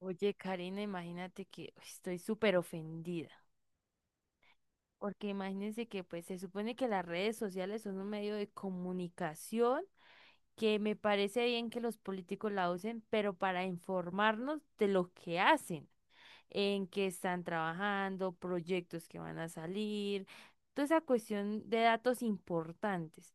Oye, Karina, imagínate que uy, estoy súper ofendida, porque imagínense que pues se supone que las redes sociales son un medio de comunicación que me parece bien que los políticos la usen, pero para informarnos de lo que hacen. En qué están trabajando, proyectos que van a salir, toda esa cuestión de datos importantes.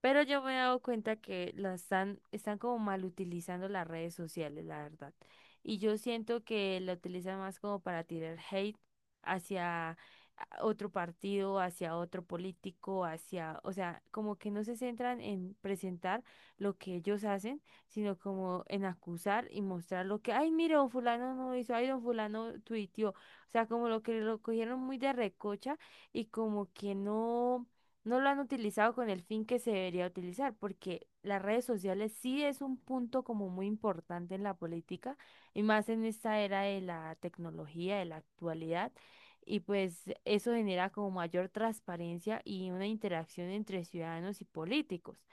Pero yo me he dado cuenta que están como mal utilizando las redes sociales, la verdad. Y yo siento que la utilizan más como para tirar hate hacia a- otro partido, hacia otro político, hacia, o sea, como que no se centran en presentar lo que ellos hacen sino como en acusar y mostrar lo que, ay, mire, don fulano no hizo, ay, don fulano tuiteó. O sea, como lo que lo cogieron muy de recocha y como que no, no lo han utilizado con el fin que se debería utilizar, porque las redes sociales sí es un punto como muy importante en la política y más en esta era de la tecnología, de la actualidad. Y pues eso genera como mayor transparencia y una interacción entre ciudadanos y políticos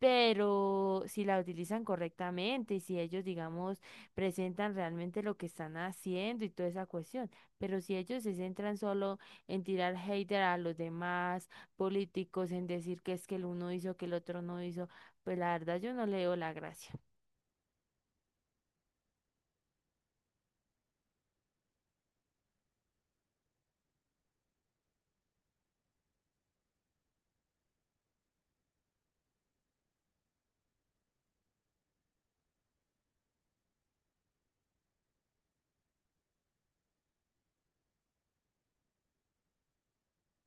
pero si la utilizan correctamente y si ellos, digamos, presentan realmente lo que están haciendo y toda esa cuestión, pero si ellos se centran solo en tirar hater a los demás políticos, en decir que es que el uno hizo, que el otro no hizo, pues la verdad yo no le veo la gracia.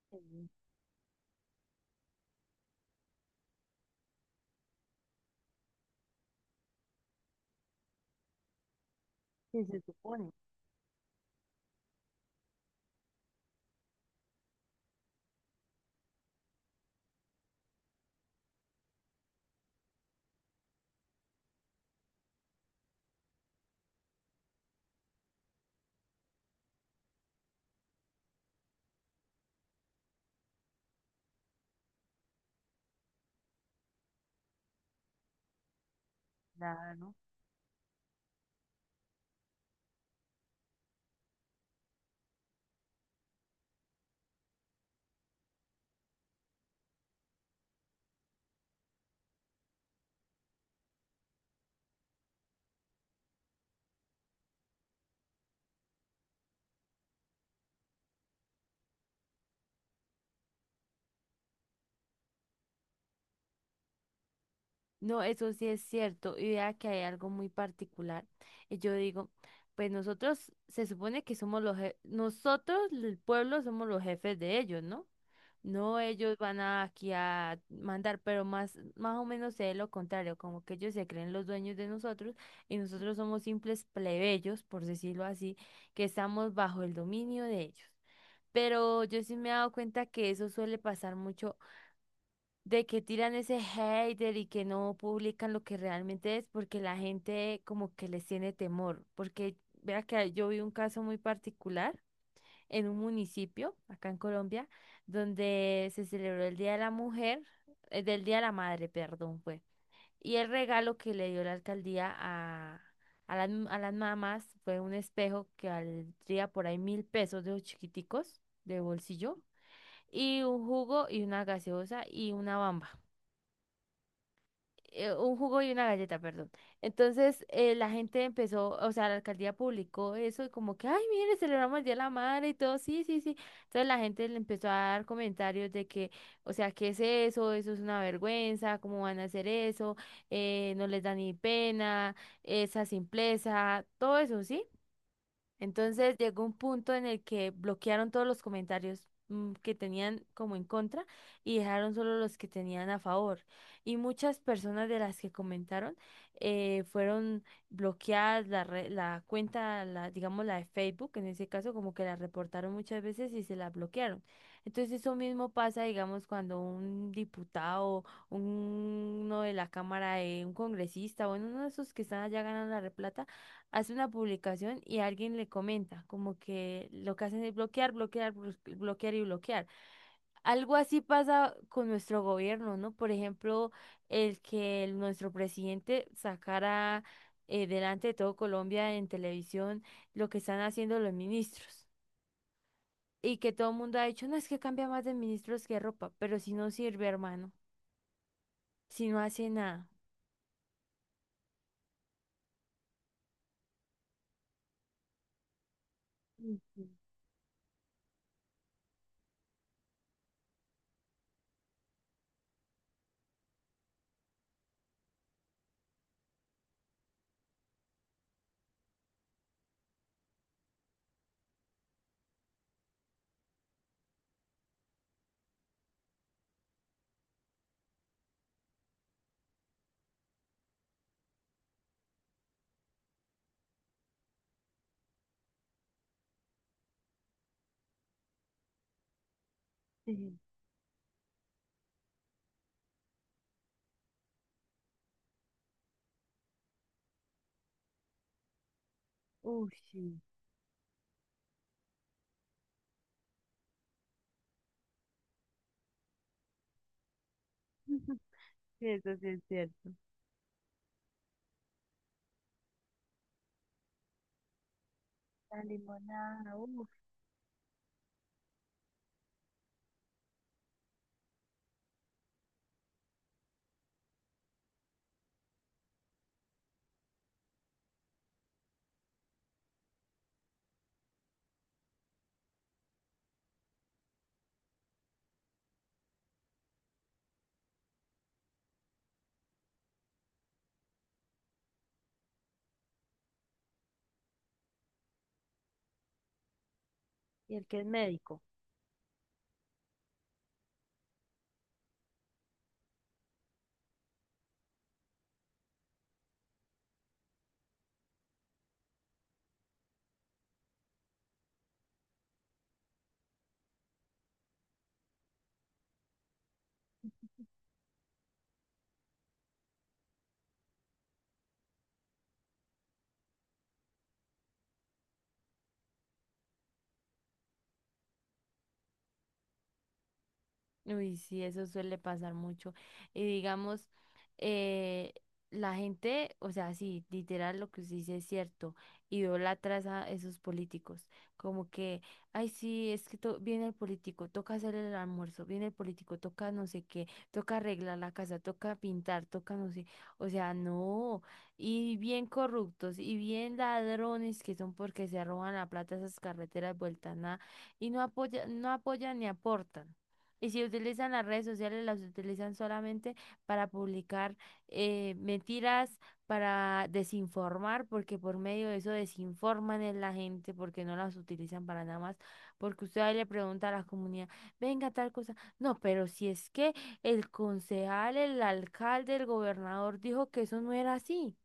Sí, sí, se supone, claro. No, eso sí es cierto. Y vea que hay algo muy particular. Y yo digo, pues nosotros se supone que somos los jefes, nosotros, el pueblo, somos los jefes de ellos, ¿no? No, ellos van a, aquí a mandar, pero más o menos es lo contrario, como que ellos se creen los dueños de nosotros y nosotros somos simples plebeyos, por decirlo así, que estamos bajo el dominio de ellos. Pero yo sí me he dado cuenta que eso suele pasar mucho, de que tiran ese hater y que no publican lo que realmente es, porque la gente como que les tiene temor, porque vea que yo vi un caso muy particular en un municipio, acá en Colombia, donde se celebró el Día de la Mujer, del Día de la Madre, perdón, fue. Y el regalo que le dio la alcaldía a las mamás fue un espejo que valdría por ahí 1.000 pesos de los chiquiticos de bolsillo, y un jugo y una gaseosa y una bamba un jugo y una galleta, perdón. Entonces la gente empezó, o sea, la alcaldía publicó eso y como que, ay, mire, celebramos el Día de la Madre y todo, sí, sí, sí. Entonces la gente le empezó a dar comentarios de que, o sea, ¿qué es eso? Eso es una vergüenza, ¿cómo van a hacer eso? No les da ni pena, esa simpleza, todo eso, ¿sí? Entonces llegó un punto en el que bloquearon todos los comentarios que tenían como en contra y dejaron solo los que tenían a favor. Y muchas personas de las que comentaron fueron bloqueadas la cuenta, digamos la de Facebook, en ese caso como que la reportaron muchas veces y se la bloquearon. Entonces eso mismo pasa, digamos, cuando un diputado, uno de la Cámara, de un congresista, bueno, uno de esos que están allá ganando la replata hace una publicación y alguien le comenta, como que lo que hacen es bloquear, bloquear, bloquear y bloquear. Algo así pasa con nuestro gobierno, ¿no? Por ejemplo, el que el- nuestro presidente sacara delante de todo Colombia en televisión lo que están haciendo los ministros. Y que todo el mundo ha dicho, no es que cambia más de ministros que ropa, pero si no sirve, hermano, si no hace nada. Uy, sí. Sí. Uy, sí. Eso sí es cierto. La limonada. Uy. Y el que es médico. Uy, sí, eso suele pasar mucho. Y digamos, eh, la gente, o sea, sí, literal lo que usted dice es cierto, idolatra a esos políticos. Como que, ay, sí, es que viene el político, toca hacer el almuerzo, viene el político, toca no sé qué, toca arreglar la casa, toca pintar, toca no sé, o sea, no. Y bien corruptos, y bien ladrones que son porque se roban la plata a esas carreteras vueltas, nada, y no apoya, no apoyan ni aportan. Y si utilizan las redes sociales, las utilizan solamente para publicar mentiras, para desinformar, porque por medio de eso desinforman a la gente, porque no las utilizan para nada más. Porque usted ahí le pregunta a la comunidad, venga tal cosa. No, pero si es que el concejal, el alcalde, el gobernador dijo que eso no era así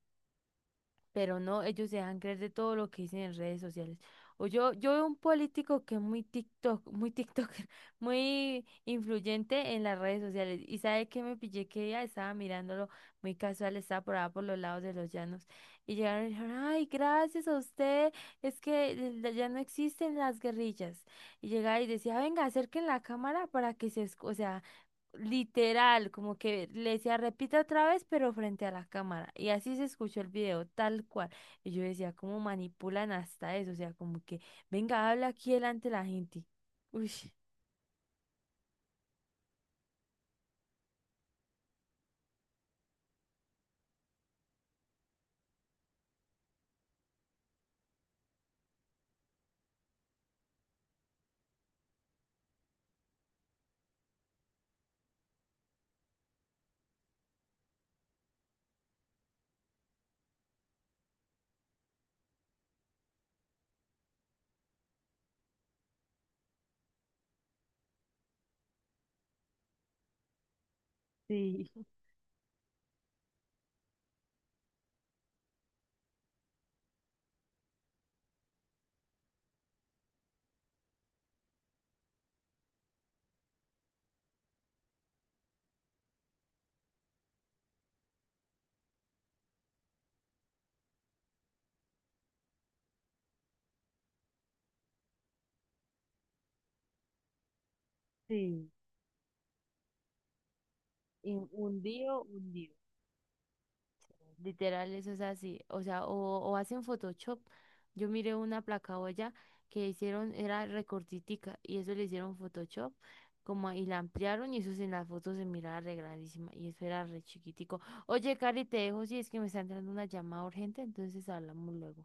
pero no, ellos se dejan creer de todo lo que dicen en redes sociales. O yo veo un político que es muy TikTok, muy TikToker, muy influyente en las redes sociales. Y sabe que me pillé que ella estaba mirándolo muy casual, estaba por allá por los lados de los llanos. Y llegaron y dijeron, ay, gracias a usted, es que ya no existen las guerrillas. Y llegaba y decía, venga, acerquen la cámara para que o sea, literal, como que le decía, repita otra vez, pero frente a la cámara. Y así se escuchó el video, tal cual. Y yo decía, ¿cómo manipulan hasta eso? O sea, como que, venga, habla aquí delante de la gente. Uy, sí, sí, y hundido, hundido. Literal, eso es así. O sea, o hacen Photoshop. Yo miré una placa olla que hicieron, era recortitica, y eso le hicieron Photoshop, como y la ampliaron, y eso sí, en las fotos se miraba re y eso era re chiquitico. Oye, Cari, te dejo si es que me está entrando una llamada urgente, entonces hablamos luego.